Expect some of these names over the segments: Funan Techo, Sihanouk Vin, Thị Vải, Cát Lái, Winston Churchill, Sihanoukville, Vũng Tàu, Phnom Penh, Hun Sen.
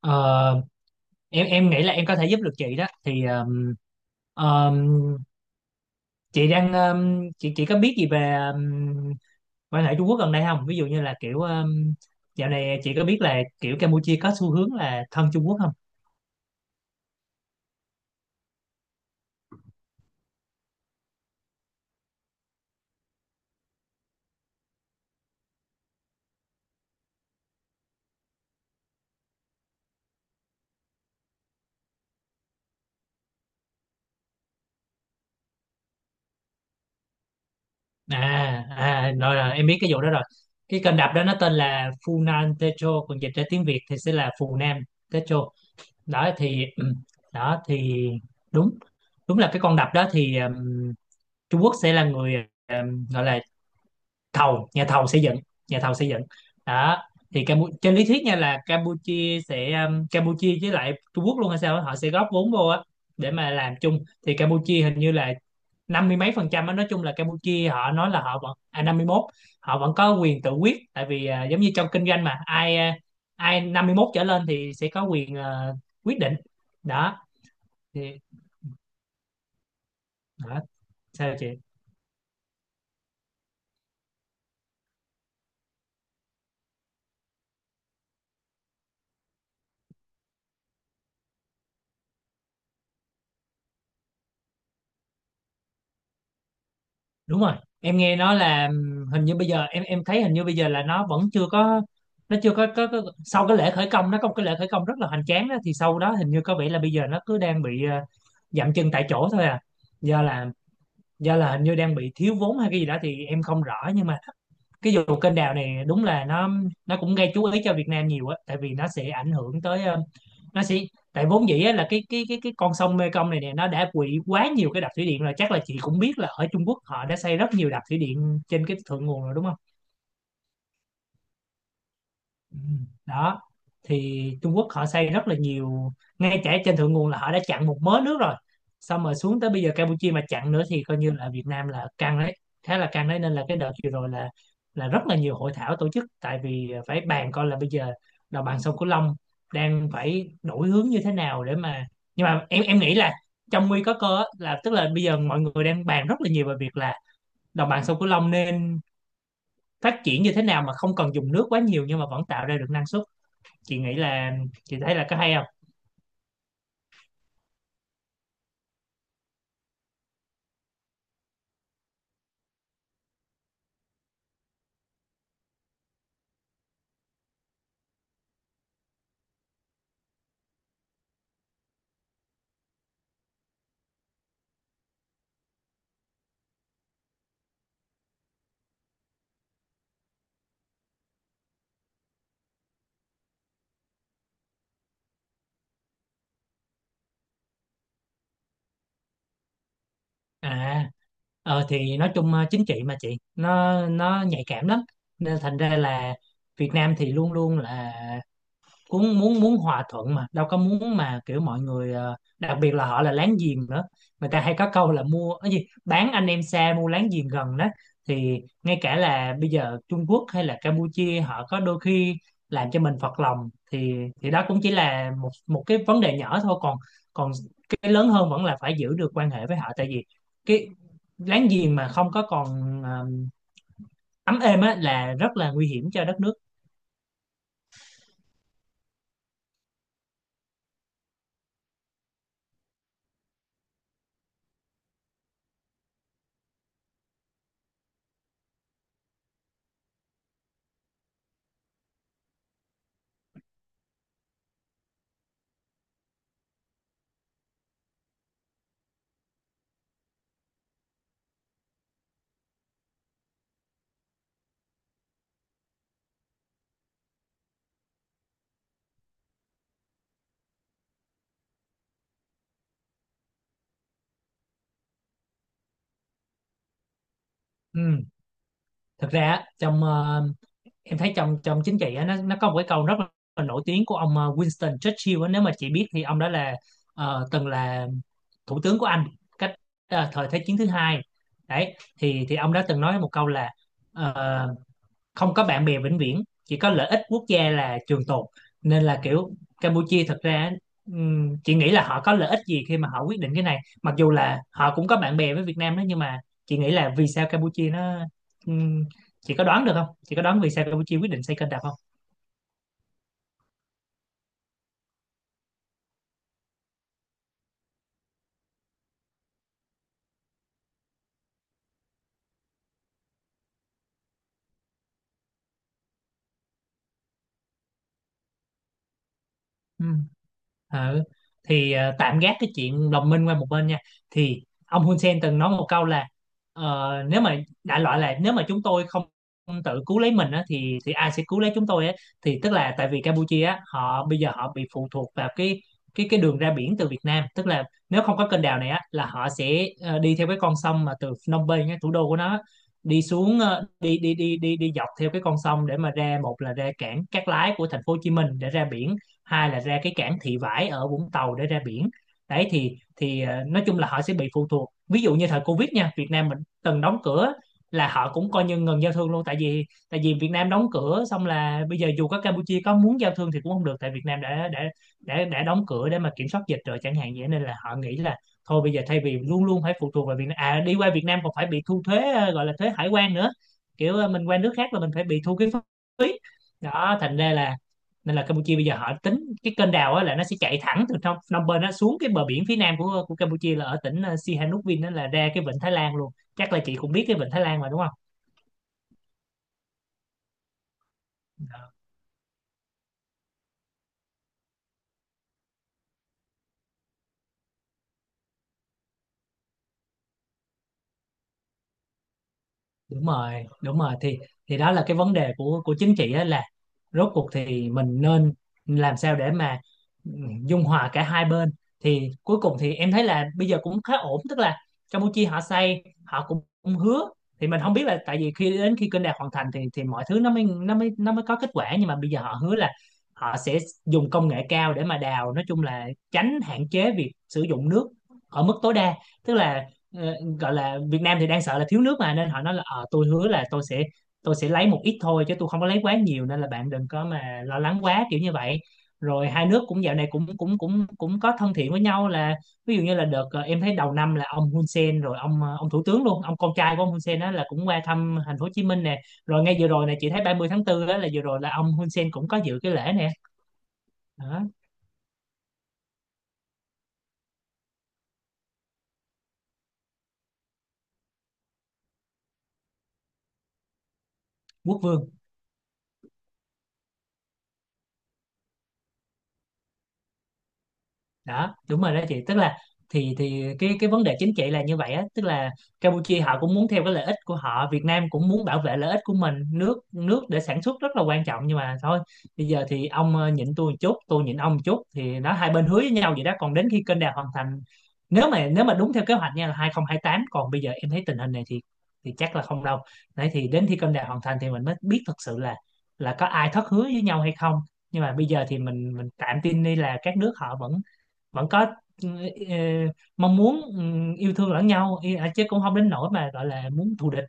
Ờ, em nghĩ là em có thể giúp được chị. Đó thì ờm, chị đang chị có biết gì về quan hệ Trung Quốc gần đây không? Ví dụ như là kiểu dạo này chị có biết là kiểu Campuchia có xu hướng là thân Trung Quốc không? À rồi em biết cái vụ đó rồi. Cái kênh đập đó nó tên là Funan Techo, còn dịch ra tiếng Việt thì sẽ là Phù Nam Techo. Đó thì ừ, đó thì đúng đúng là cái con đập đó thì, Trung Quốc sẽ là người, gọi là thầu nhà thầu xây dựng nhà thầu xây dựng đó. Thì trên lý thuyết nha, là Campuchia sẽ, Campuchia với lại Trung Quốc luôn hay sao á, họ sẽ góp vốn vô á để mà làm chung. Thì Campuchia hình như là năm mươi mấy phần trăm á. Nói chung là Campuchia họ nói là họ vẫn, 51, họ vẫn có quyền tự quyết, tại vì, giống như trong kinh doanh mà ai 51 trở lên thì sẽ có quyền, quyết định đó. Thì đó. Sao chị? Đúng rồi, em nghe nói là hình như bây giờ em thấy hình như bây giờ là nó vẫn chưa có, nó chưa có sau cái lễ khởi công, nó có một cái lễ khởi công rất là hoành tráng đó. Thì sau đó hình như có vẻ là bây giờ nó cứ đang bị, dậm chân tại chỗ thôi à, do là do là hình như đang bị thiếu vốn hay cái gì đó thì em không rõ. Nhưng mà cái vụ kênh đào này đúng là nó cũng gây chú ý cho Việt Nam nhiều á, tại vì nó sẽ ảnh hưởng tới, ờ, nó sẽ tại vốn dĩ á, là cái con sông Mekong này nè, nó đã quỵ quá nhiều cái đập thủy điện rồi. Chắc là chị cũng biết là ở Trung Quốc họ đã xây rất nhiều đập thủy điện trên cái thượng nguồn rồi đúng không? Ừ, đó thì Trung Quốc họ xây rất là nhiều, ngay cả trên thượng nguồn là họ đã chặn một mớ nước rồi, xong rồi xuống tới bây giờ Campuchia mà chặn nữa thì coi như là Việt Nam là căng đấy, khá là căng đấy. Nên là cái đợt vừa rồi là rất là nhiều hội thảo tổ chức, tại vì phải bàn coi là bây giờ đồng bằng sông Cửu Long đang phải đổi hướng như thế nào để mà, nhưng mà em nghĩ là trong nguy có cơ á, là tức là bây giờ mọi người đang bàn rất là nhiều về việc là đồng bằng sông Cửu Long nên phát triển như thế nào mà không cần dùng nước quá nhiều nhưng mà vẫn tạo ra được năng suất. Chị nghĩ là, chị thấy là có hay không? à thì nói chung, chính trị mà chị, nó nhạy cảm lắm, nên thành ra là Việt Nam thì luôn luôn là muốn muốn muốn hòa thuận, mà đâu có muốn mà kiểu mọi người, đặc biệt là họ là láng giềng nữa. Người ta hay có câu là mua cái gì, bán anh em xa mua láng giềng gần đó. Thì ngay cả là bây giờ Trung Quốc hay là Campuchia họ có đôi khi làm cho mình phật lòng, thì đó cũng chỉ là một một cái vấn đề nhỏ thôi. Còn còn cái lớn hơn vẫn là phải giữ được quan hệ với họ, tại vì cái láng giềng mà không có còn, ờ, ấm êm á là rất là nguy hiểm cho đất nước. Ừ. Thực ra á, em thấy trong trong chính trị á, nó có một cái câu rất là nổi tiếng của ông, Winston Churchill á. Nếu mà chị biết thì ông đó là, từng là thủ tướng của Anh cách thời Thế chiến thứ hai đấy. Thì ông đã từng nói một câu là, ờ, không có bạn bè vĩnh viễn, chỉ có lợi ích quốc gia là trường tồn. Nên là kiểu Campuchia thật ra, chị nghĩ là họ có lợi ích gì khi mà họ quyết định cái này, mặc dù là họ cũng có bạn bè với Việt Nam đó. Nhưng mà chị nghĩ là vì sao Campuchia nó, ừm, chị có đoán được không? Chị có đoán vì sao Campuchia quyết định xây kênh rạch không? Ừ. Ừ. Thì tạm gác cái chuyện đồng minh qua một bên nha. Thì ông Hun Sen từng nói một câu là, ờ, nếu mà đại loại là nếu mà chúng tôi không không tự cứu lấy mình á, thì ai sẽ cứu lấy chúng tôi á. Thì tức là tại vì Campuchia á, họ bây giờ họ bị phụ thuộc vào cái đường ra biển từ Việt Nam. Tức là nếu không có kênh đào này á là họ sẽ, đi theo cái con sông mà từ Phnom Penh á, thủ đô của nó á, đi xuống ờ, đi đi đi đi đi dọc theo cái con sông để mà ra, một là ra cảng Cát Lái của thành phố Hồ Chí Minh để ra biển, hai là ra cái cảng Thị Vải ở Vũng Tàu để ra biển. Đấy thì, nói chung là họ sẽ bị phụ thuộc. Ví dụ như thời Covid nha, Việt Nam mình từng đóng cửa là họ cũng coi như ngừng giao thương luôn, tại vì, Việt Nam đóng cửa xong là bây giờ dù có Campuchia có muốn giao thương thì cũng không được, tại Việt Nam đã đóng cửa để mà kiểm soát dịch rồi chẳng hạn. Vậy nên là họ nghĩ là thôi, bây giờ thay vì luôn luôn phải phụ thuộc vào Việt Nam, à, đi qua Việt Nam còn phải bị thu thuế, gọi là thuế hải quan nữa, kiểu, mình qua nước khác là mình phải bị thu cái phí đó. Thành ra là nên là Campuchia bây giờ họ tính cái kênh đào á, là nó sẽ chạy thẳng từ trong Phnom Penh nó xuống cái bờ biển phía nam của Campuchia, là ở tỉnh, Sihanoukville đó, là ra cái vịnh Thái Lan luôn. Chắc là chị cũng biết cái vịnh Thái Lan mà đúng không? Đúng rồi, đúng rồi, thì đó là cái vấn đề của chính trị á, là rốt cuộc thì mình nên làm sao để mà dung hòa cả hai bên. Thì cuối cùng thì em thấy là bây giờ cũng khá ổn, tức là Campuchia họ xây, họ cũng cũng hứa. Thì mình không biết, là tại vì khi đến khi kênh đào hoàn thành thì mọi thứ nó mới có kết quả. Nhưng mà bây giờ họ hứa là họ sẽ dùng công nghệ cao để mà đào, nói chung là tránh hạn chế việc sử dụng nước ở mức tối đa. Tức là, ờ, gọi là Việt Nam thì đang sợ là thiếu nước mà, nên họ nói là, tôi hứa là tôi sẽ lấy một ít thôi chứ tôi không có lấy quá nhiều, nên là bạn đừng có mà lo lắng quá kiểu như vậy. Rồi hai nước cũng dạo này cũng cũng cũng cũng có thân thiện với nhau, là ví dụ như là đợt, em thấy đầu năm là ông Hun Sen, rồi ông thủ tướng luôn, ông con trai của ông Hun Sen đó, là cũng qua thăm thành phố Hồ Chí Minh nè. Rồi ngay vừa rồi này chị thấy ba mươi tháng 4 đó, là vừa rồi là ông Hun Sen cũng có dự cái lễ nè. Đó, quốc vương đó. Đúng rồi đó chị, tức là thì cái vấn đề chính trị là như vậy á, tức là Campuchia họ cũng muốn theo cái lợi ích của họ, Việt Nam cũng muốn bảo vệ lợi ích của mình, nước nước để sản xuất rất là quan trọng. Nhưng mà thôi, bây giờ thì ông, nhịn tôi một chút, tôi nhịn ông một chút, thì nó hai bên hứa với nhau vậy đó. Còn đến khi kênh đào hoàn thành, nếu mà đúng theo kế hoạch nha là 2028, còn bây giờ em thấy tình hình này thì chắc là không đâu. Đấy thì đến khi kênh đào hoàn thành thì mình mới biết thật sự là có ai thất hứa với nhau hay không. Nhưng mà bây giờ thì mình tạm tin đi, là các nước họ vẫn, có, ừ, ờ, mong muốn yêu thương lẫn nhau chứ cũng không đến nỗi mà gọi là muốn thù địch.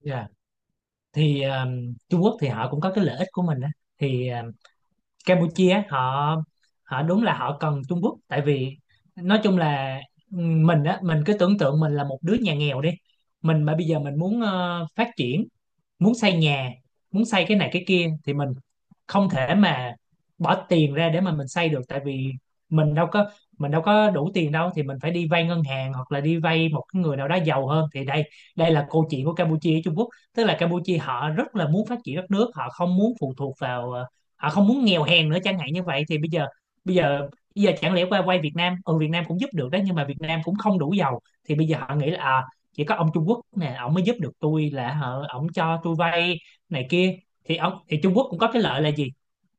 Dạ. thì ờ, Trung Quốc thì họ cũng có cái lợi ích của mình á. thì ờ, Campuchia họ họ đúng là họ cần Trung Quốc, tại vì nói chung là, mình á, mình cứ tưởng tượng mình là một đứa nhà nghèo đi. Mình mà bây giờ mình muốn phát triển, muốn xây nhà, muốn xây cái này cái kia thì mình không thể mà bỏ tiền ra để mà mình xây được, tại vì mình đâu có mình đâu có đủ tiền đâu, thì mình phải đi vay ngân hàng hoặc là đi vay một cái người nào đó giàu hơn. Thì đây, đây là câu chuyện của Campuchia với Trung Quốc. Tức là Campuchia họ rất là muốn phát triển đất nước, họ không muốn phụ thuộc vào họ không muốn nghèo hèn nữa, chẳng hạn như vậy. Thì bây giờ bây giờ chẳng lẽ qua quay Việt Nam, ừ, Việt Nam cũng giúp được đó, nhưng mà Việt Nam cũng không đủ giàu. Thì bây giờ họ nghĩ là à, chỉ có ông Trung Quốc nè, ông mới giúp được tôi, là hở ông cho tôi vay này kia. Thì Trung Quốc cũng có cái lợi là gì?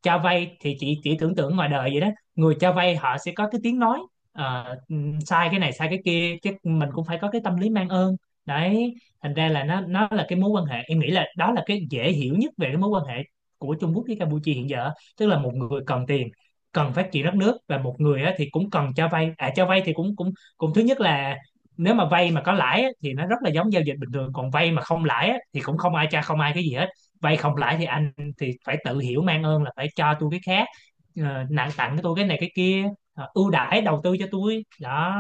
Cho vay thì chị chỉ tưởng tượng ngoài đời vậy đó, người cho vay họ sẽ có cái tiếng nói, sai cái này sai cái kia, chứ mình cũng phải có cái tâm lý mang ơn. Đấy, thành ra là nó là cái mối quan hệ, em nghĩ là đó là cái dễ hiểu nhất về cái mối quan hệ của Trung Quốc với Campuchia hiện giờ. Tức là một người cần tiền, cần phát triển đất nước, và một người á, thì cũng cần cho vay. À, cho vay thì cũng cũng cũng thứ nhất là nếu mà vay mà có lãi á, thì nó rất là giống giao dịch bình thường, còn vay mà không lãi á, thì cũng không ai cha, không ai cái gì hết. Vay không lãi thì anh thì phải tự hiểu mang ơn là phải cho tôi cái khác, ờ, nặng tặng cho tôi cái này cái kia, ờ, ưu đãi đầu tư cho tôi đó.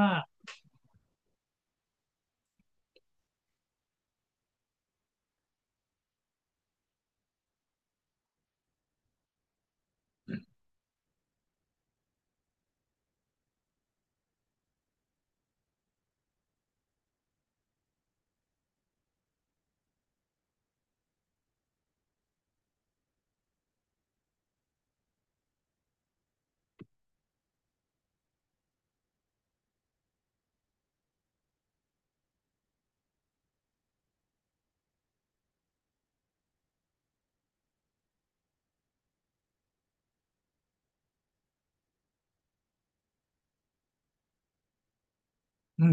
Ừ.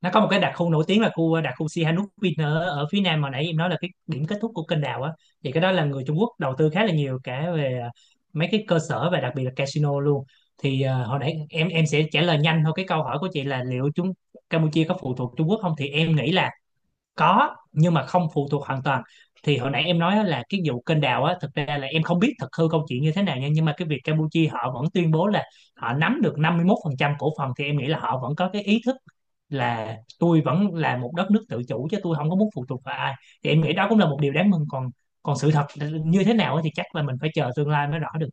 Nó có một cái đặc khu nổi tiếng là khu đặc khu Sihanouk Vin ở, ở phía nam mà nãy em nói là cái điểm kết thúc của kênh đào á, thì cái đó là người Trung Quốc đầu tư khá là nhiều, cả về à, mấy cái cơ sở và đặc biệt là casino luôn. Hồi nãy em sẽ trả lời nhanh thôi cái câu hỏi của chị là liệu chúng Campuchia có phụ thuộc Trung Quốc không, thì em nghĩ là có, nhưng mà không phụ thuộc hoàn toàn. Thì hồi nãy em nói á là cái vụ kênh đào á, thực ra là em không biết thật hư câu chuyện như thế nào nha, nhưng mà cái việc Campuchia họ vẫn tuyên bố là họ nắm được 51% cổ phần, thì em nghĩ là họ vẫn có cái ý thức là tôi vẫn là một đất nước tự chủ, chứ tôi không có muốn phụ thuộc vào ai. Thì em nghĩ đó cũng là một điều đáng mừng. Còn, còn sự thật như thế nào ấy thì chắc là mình phải chờ tương lai mới rõ được.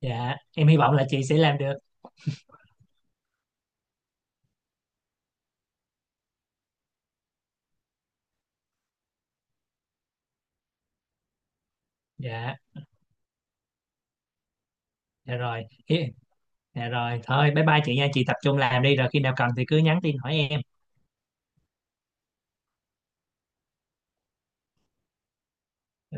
Dạ, em hy vọng là chị sẽ làm được. Dạ Dạ rồi. Hi- dạ rồi, thôi bye bye chị nha, chị tập trung làm đi, rồi khi nào cần thì cứ nhắn tin hỏi em. Dạ.